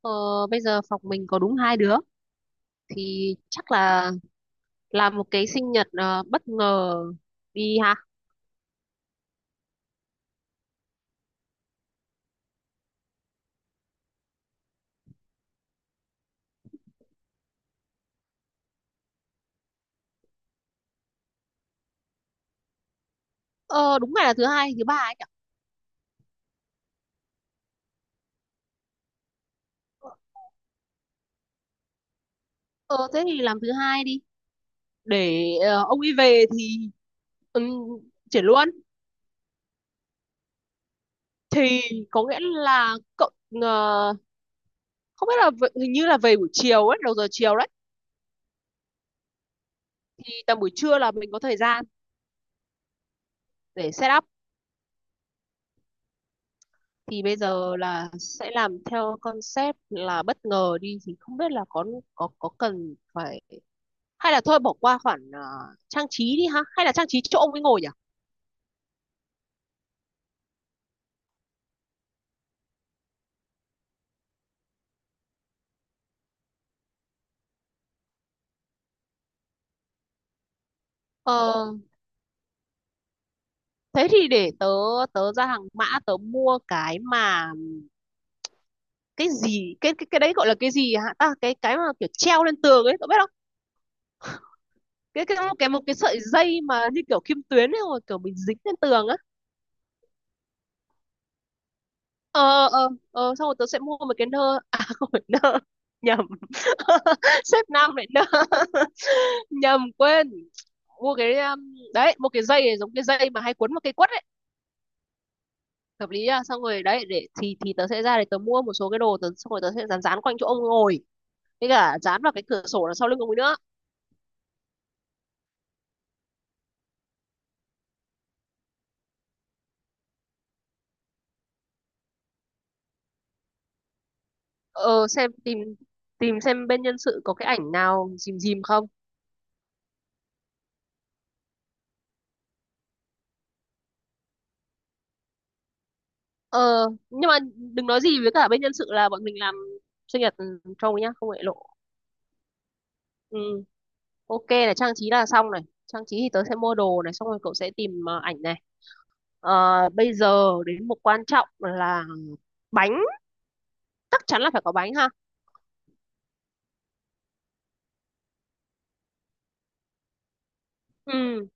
Ờ, Bây giờ phòng mình có đúng hai đứa thì chắc là làm một cái sinh nhật bất ngờ đi ha. Ờ, đúng ngày là thứ hai, thứ ba ấy nhỉ? Ờ, thế thì làm thứ hai đi. Để ông ấy về thì um, chuyển luôn. Thì có nghĩa là cậu ờ, không biết là hình như là về buổi chiều ấy, đầu giờ chiều đấy. Thì tầm buổi trưa là mình có thời gian để set up. Thì bây giờ là sẽ làm theo concept là bất ngờ đi thì không biết là có cần phải hay là thôi bỏ qua khoản trang trí đi ha hay là trang trí chỗ ông ấy ngồi nhỉ? ờ, Thế thì để tớ tớ ra hàng mã tớ mua cái mà cái gì, cái đấy gọi là cái gì hả ta, cái mà kiểu treo lên tường ấy, cậu biết không? Cái cái một cái một cái sợi dây mà như kiểu kim tuyến ấy rồi kiểu mình dính lên tường á. Ờ Xong rồi tớ sẽ mua một cái nơ, à không phải nơ, nhầm. Sếp nam lại nơ. Nhầm, quên. Mua cái đấy, mua cái dây giống cái dây mà hay quấn vào cây quất ấy, hợp lý. À xong rồi đấy, để thì tớ sẽ ra để tớ mua một số cái đồ tớ, xong rồi tớ sẽ dán dán quanh chỗ ông ngồi, với cả dán vào cái cửa sổ đằng sau lưng ông ấy nữa. Ờ, xem tìm tìm xem bên nhân sự có cái ảnh nào dìm dìm không. Ờ, nhưng mà đừng nói gì với cả bên nhân sự là bọn mình làm sinh nhật cho ông ấy nhá, không để lộ. Ừ, ok, này trang trí là xong, này trang trí thì tớ sẽ mua đồ này, xong rồi cậu sẽ tìm ảnh này. ờ, Bây giờ đến một quan trọng là bánh, chắc chắn là phải có bánh ha. Ừ.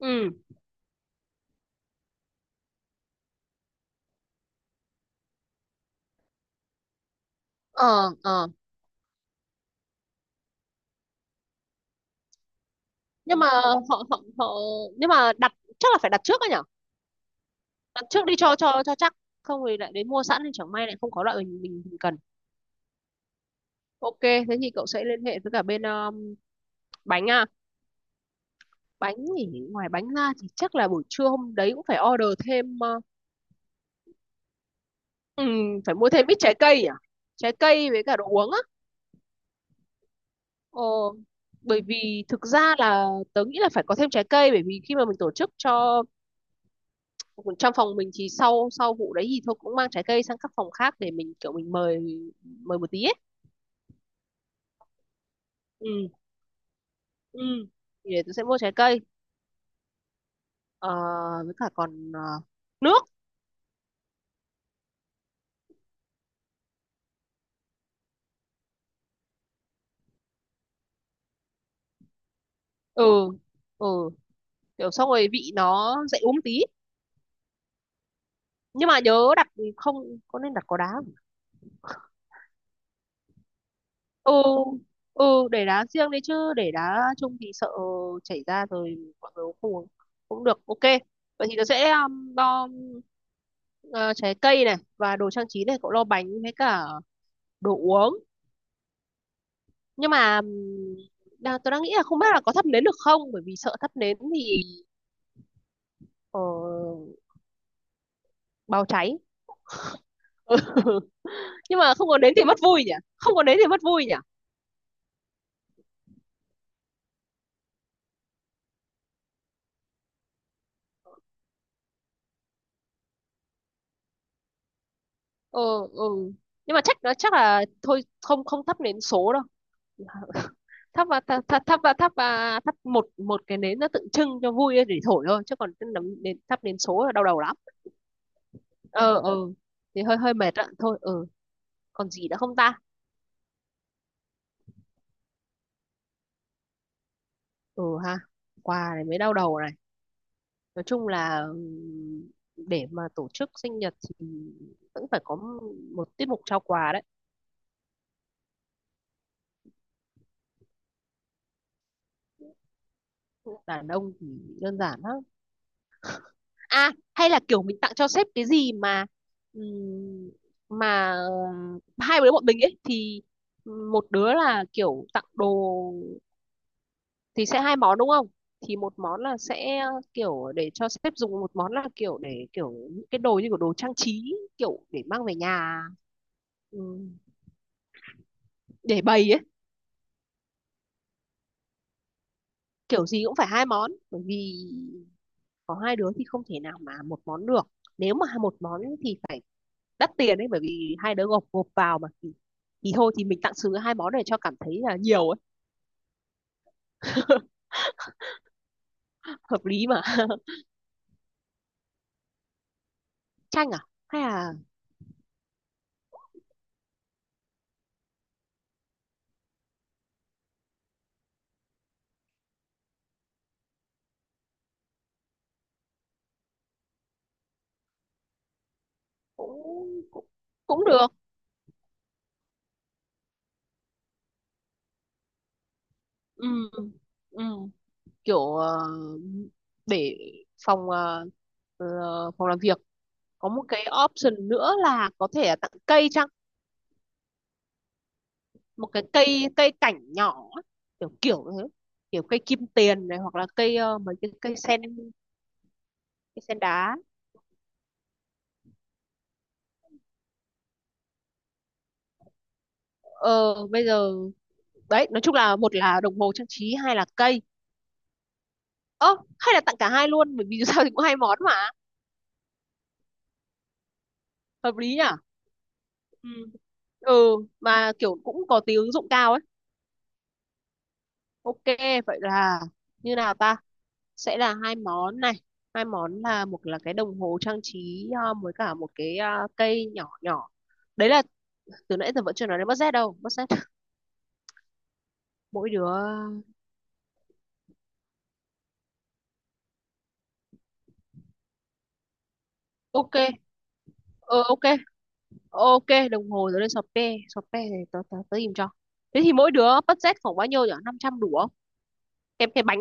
Ừ. Ờ. Ờ. Nhưng mà họ họ họ nhưng mà đặt, chắc là phải đặt trước á nhở. Đặt trước đi cho chắc, không thì lại đến mua sẵn thì chẳng may lại không có loại mình cần. Ok, thế thì cậu sẽ liên hệ với cả bên bánh à. Bánh thì ngoài bánh ra thì chắc là buổi trưa hôm đấy cũng phải order thêm phải mua thêm ít trái cây à, trái cây với cả đồ uống á. ờ, Bởi vì thực ra là tớ nghĩ là phải có thêm trái cây, bởi vì khi mà mình tổ chức cho trong phòng mình thì sau sau vụ đấy thì thôi cũng mang trái cây sang các phòng khác để mình kiểu mình mời, một tí ấy. Ừ. Ừ, thì để tôi sẽ mua trái cây. Ờ, với cả còn nước. Ừ. Ừ, kiểu xong rồi vị nó dậy uống tí. Nhưng mà nhớ đặt không, có nên đặt có đá không? Ừ. Ừ, để đá riêng đấy, chứ để đá chung thì sợ chảy ra rồi mọi người không uống cũng được. Ok, vậy thì nó sẽ lo ờ, trái cây này và đồ trang trí này, cậu lo bánh với cả đồ uống. Nhưng mà tôi đang nghĩ là không biết là có thắp nến được không, bởi vì sợ thắp nến thì ờ, báo cháy. Nhưng mà không có nến thì mất vui nhỉ, không có nến thì mất vui nhỉ. Ừ, ừ. Nhưng mà chắc nó chắc là thôi không, không thắp nến số đâu. Thắp và thắp thắp thắp và thắp và thắp một một cái nến nó tượng trưng cho vui để thổi thôi, chứ còn cái nến, thắp nến số là đau đầu lắm. Ờ ờ. Thì hơi hơi mệt ạ, thôi ờ. Còn gì nữa không ta? Ừ ha, quà này mới đau đầu này. Nói chung là để mà tổ chức sinh nhật thì vẫn phải có một tiết mục trao quà đấy. Đàn ông thì đơn giản lắm. À hay là kiểu mình tặng cho sếp cái gì ừm, mà hai đứa bọn mình ấy thì một đứa là kiểu tặng đồ thì sẽ hai món đúng không, thì một món là sẽ kiểu để cho sếp dùng, một món là kiểu để kiểu những cái đồ như kiểu đồ trang trí kiểu để mang về nhà, ừm, để bày ấy. Kiểu gì cũng phải hai món bởi vì có hai đứa thì không thể nào mà một món được, nếu mà một món thì phải đắt tiền ấy, bởi vì hai đứa gộp gộp vào mà thì thôi thì mình tặng sứ hai món để cho cảm thấy là nhiều ấy. Hợp lý mà. Chanh à, hay là cũng cũng, cũng được. Ừ, ừ. Kiểu để phòng ờ, phòng làm việc. Có một cái option nữa là có thể là tặng cây chăng, một cái cây cây cảnh nhỏ kiểu kiểu thế, kiểu cây kim tiền này hoặc là cây mấy cái cây sen, cây sen đá. Ờ bây giờ đấy, nói chung là một là đồng hồ trang trí, hai là cây. Ơ hay là tặng cả hai luôn, bởi vì dù sao thì cũng hai món mà, hợp lý nhỉ. Ừ. Ừ, mà kiểu cũng có tí ứng dụng cao ấy. Ok, vậy là như nào ta, sẽ là hai món này, hai món là một là cái đồng hồ trang trí với cả một cái cây nhỏ nhỏ. Đấy là từ nãy giờ vẫn chưa nói đến budget đâu, budget mỗi đứa. Ok. Ờ ok. Ok, đồng hồ rồi lên sọt pe sọt thì tớ tớ tớ tìm cho. Thế thì mỗi đứa budget khoảng bao nhiêu nhỉ, 500 đủ không? Cái bánh,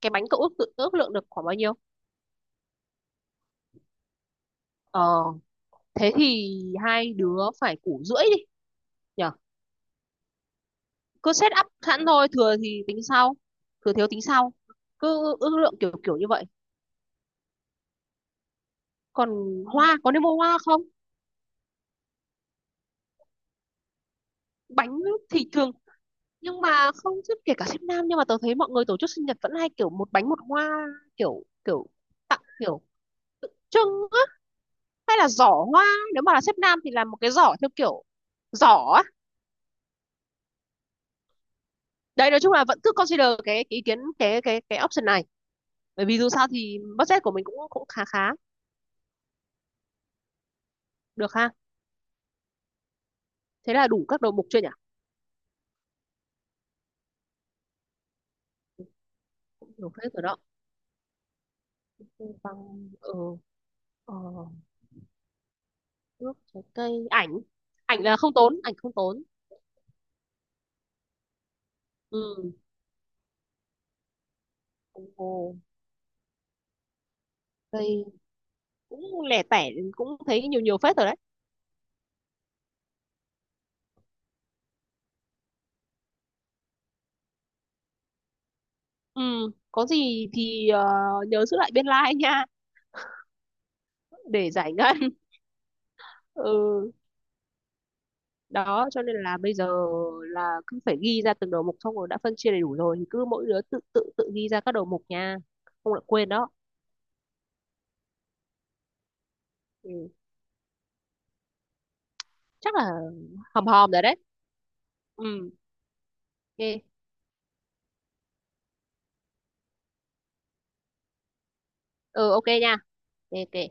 cái bánh cậu ước tự ước lượng được khoảng bao nhiêu? Ờ, thế thì hai đứa phải củ rưỡi đi nhỉ. Cứ set up sẵn thôi, thừa thì tính sau, thừa thiếu tính sau, cứ ước lượng kiểu kiểu như vậy. Còn hoa, có nên mua hoa không? Bánh thì thường, nhưng mà không, chứ kể cả sếp nam nhưng mà tớ thấy mọi người tổ chức sinh nhật vẫn hay kiểu một bánh một hoa, kiểu kiểu tặng kiểu trưng á, hay là giỏ hoa, nếu mà là sếp nam thì làm một cái giỏ theo kiểu giỏ á. Đấy nói chung là vẫn cứ consider cái ý kiến cái option này, bởi vì dù sao thì budget của mình cũng cũng khá khá được ha. Thế là đủ các đầu mục chưa nhỉ? Cũng đủ hết rồi đó. Bằng ờ. Ờ. Nước trái cây, ảnh. Ảnh là không tốn, ảnh không tốn. Ừ. Đồng hồ. Cây. Cũng lẻ tẻ, cũng thấy nhiều nhiều phết rồi đấy. Ừ, có gì thì nhớ giữ lại biên lai nha, để giải ngân. Ừ, đó cho nên là bây giờ là cứ phải ghi ra từng đầu mục, xong rồi đã phân chia đầy đủ rồi thì cứ mỗi đứa tự tự tự ghi ra các đầu mục nha, không lại quên đó. Ừ. Chắc là hòm hòm rồi đấy. Ừ, ok. Ừ, ok nha. Ok ok.